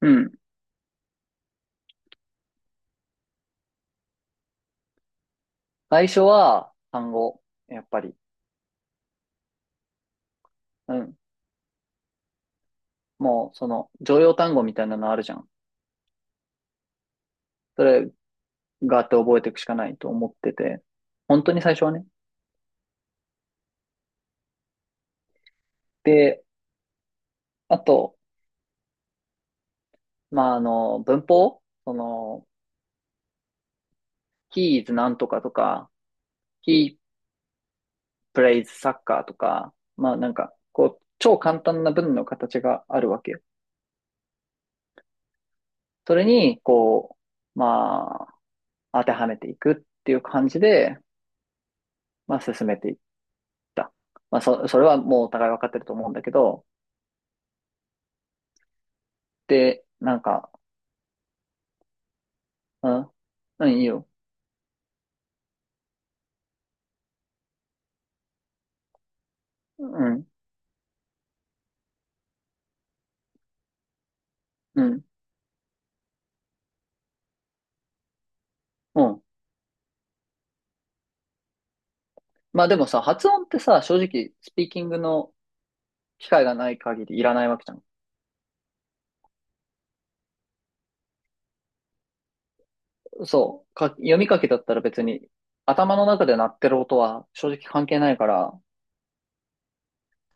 うん。最初は単語。やっぱり。うん。もう、常用単語みたいなのあるじゃん。それ、があって覚えていくしかないと思ってて。本当に最初はね。で、あと、文法he is なんとかとか、he plays soccer とか、超簡単な文の形があるわけよ。それに、う、ま当てはめていくっていう感じで、まあ、進めていく。た。それはもうお互い分かってると思うんだけど、で、なんか、うん、うん、いいよ。うん、うん、うん。まあでもさ、発音ってさ、正直、スピーキングの機会がない限りいらないわけじゃん。読み書きだったら別に、頭の中で鳴ってる音は正直関係ないから、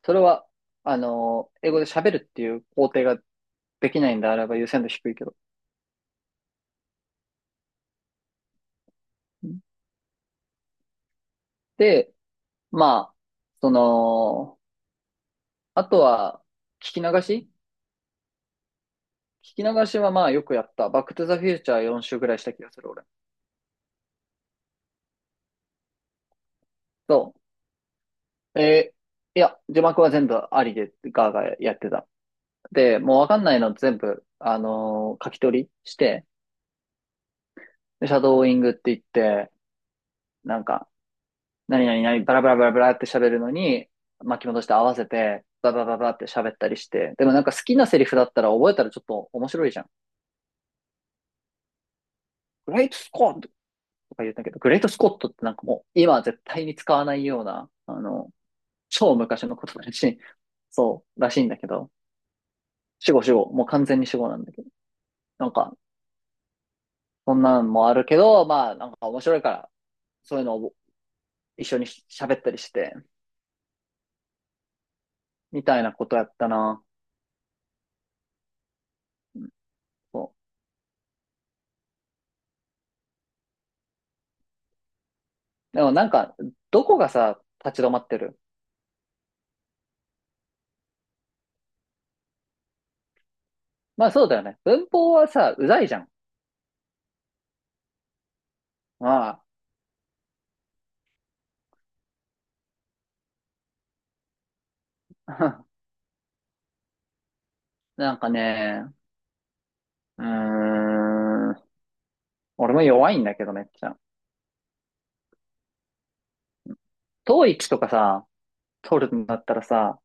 それは、あの英語で喋るっていう工程ができないんであれば優先度低いけど。で、まあ、その、あとは、聞き流し聞き流しはまあよくやった。バックトゥザフューチャー4週ぐらいした気がする、俺。そう。えーいや、字幕は全部ありで、ガーガーやってた。で、もうわかんないの全部、書き取りして、でシャドーイングって言って、なんか、何々何、バラバラバラバラって喋るのに、巻き戻して合わせて、ババババって喋ったりして、でもなんか好きなセリフだったら覚えたらちょっと面白いじゃん。グレートスコットとか言ったけど、グレートスコットってなんかもう今は絶対に使わないような、超昔のことだし、そう、らしいんだけど。死後死後。もう完全に死後なんだけど。なんか、そんなんもあるけど、まあ、なんか面白いから、そういうのを一緒に喋ったりして、みたいなことやったな。うんそう。でもなんか、どこがさ、立ち止まってる。まあそうだよね。文法はさ、うざいじゃん。まあ、なんかね、うーん、俺も弱いんだけどめっちゃ。統一とかさ、取るんだったらさ、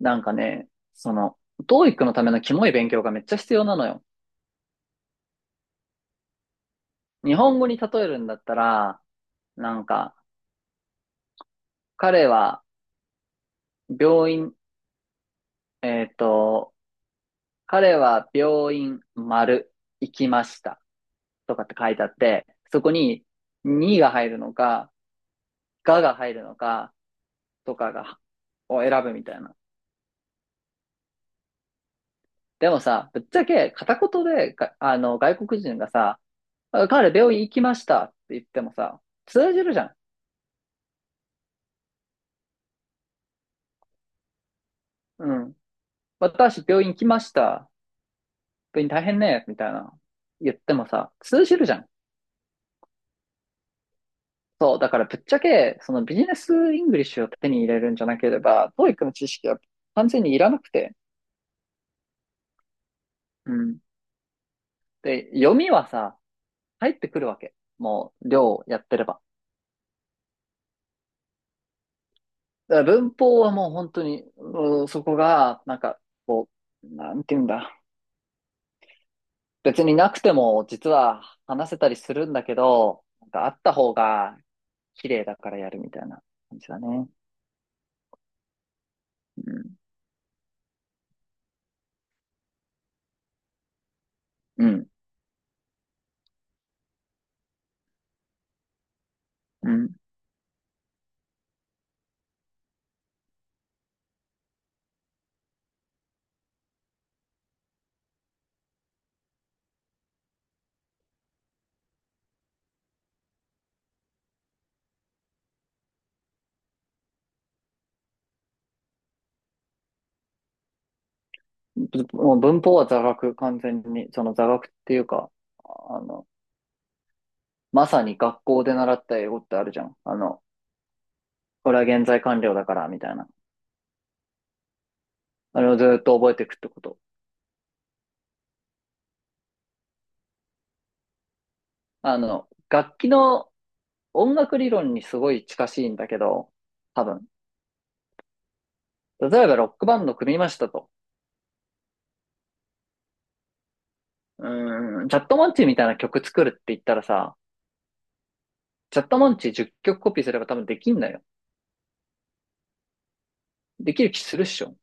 なんかね、その、t o e i のためのキモい勉強がめっちゃ必要なのよ。日本語に例えるんだったら、なんか、彼は病院、えっと、彼は病院丸行きましたとかって書いてあって、そこににが入るのか、がが入るのかとかが、を選ぶみたいな。でもさ、ぶっちゃけ片言でが、あの、外国人がさ、彼病院行きましたって言ってもさ、通じるじゃん。うん。私、病院来ました。病院大変ね。みたいな。言ってもさ、通じるじゃん。そう。だからぶっちゃけ、そのビジネスイングリッシュを手に入れるんじゃなければ、t o e の知識は完全にいらなくて。うん。で、読みはさ、入ってくるわけ。もう、量をやってれば。だから文法はもう本当に、そこが、こなんて言うんだ。別になくても、実は話せたりするんだけど、なんかあった方が綺麗だからやるみたいな感じだね。うんうん。うん。もう文法は座学、完全に。その座学っていうか、あの、まさに学校で習った英語ってあるじゃん。あの、これは現在完了だから、みたいな。あれをずっと覚えていくってこと。あの、楽器の音楽理論にすごい近しいんだけど、多分。例えばロックバンド組みましたと。チャットモンチーみたいな曲作るって言ったらさ、チャットモンチー10曲コピーすれば多分できんだよ。できる気するっしょ。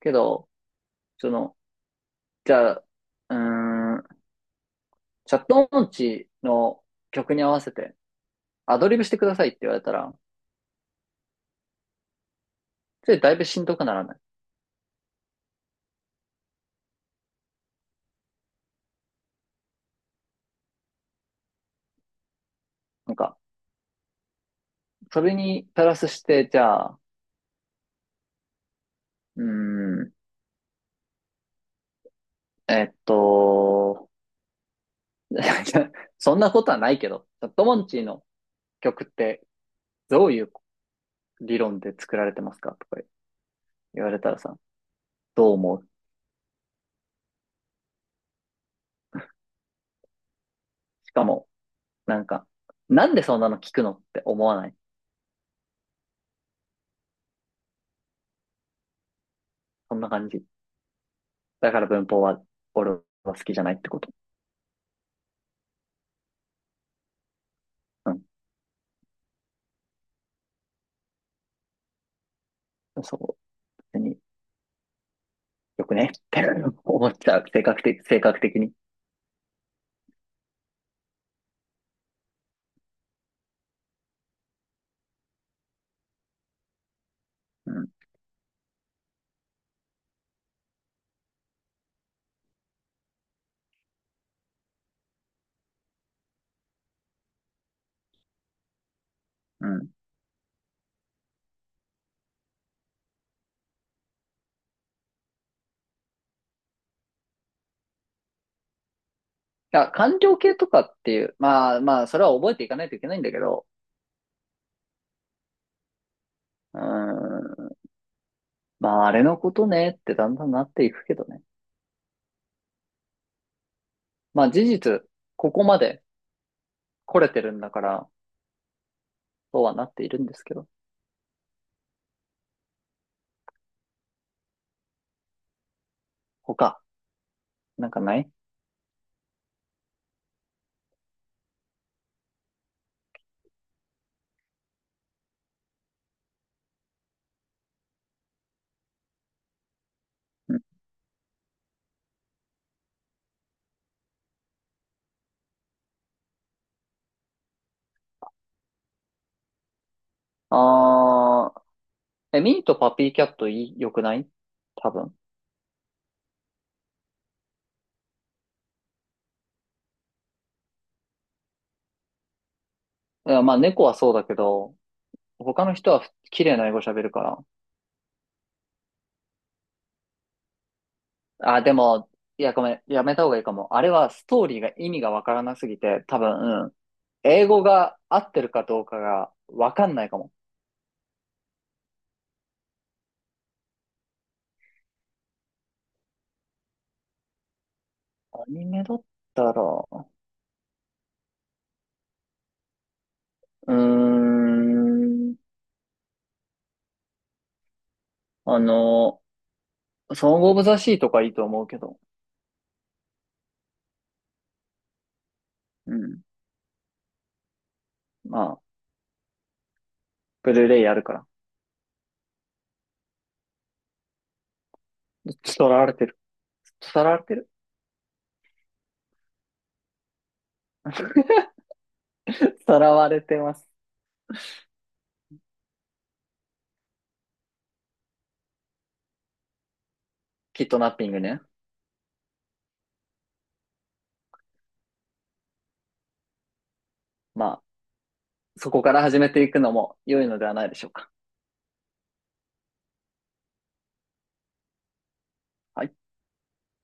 けど、その、じゃあ、うーんチャット音痴の曲に合わせてアドリブしてくださいって言われたら、それだいぶしんどくならない。なんか、それにプラスして、じゃあ、うーん、えっと、そんなことはないけど、チャットモンチーの曲ってどういう理論で作られてますかとか言われたらさ、どう思う？しかも、なんか、なんでそんなの聞くのって思わない？そんな感じ。だから文法は俺は好きじゃないってこと。うん。そう。別によくねって 思っちゃう。性格的、性格的に。うん。うん。あ、官僚系とかっていう、まあまあ、それは覚えていかないといけないんだけど、うーん。まあ、あれのことねってだんだんなっていくけどね。まあ、事実、ここまで来れてるんだから、そうはなっているんですけど。他、なんかない？うん。あー、え、ミーとパピーキャットいい、良くない？多分。いや、まあ、猫はそうだけど、他の人は綺麗な英語喋るから。あ、でも、いや、ごめん、やめた方がいいかも。あれはストーリーが意味がわからなすぎて、多分、英語が合ってるかどうかがわかんないかも。アニメだったら、うーん、あの、ソングオブザシーとかいいと思うけど、うん、まあ、ブルーレイあるから。伝わられてる。伝わられてる 伝われてます。キットナッピングね。まあ、そこから始めていくのも良いのではないでしょうか。はい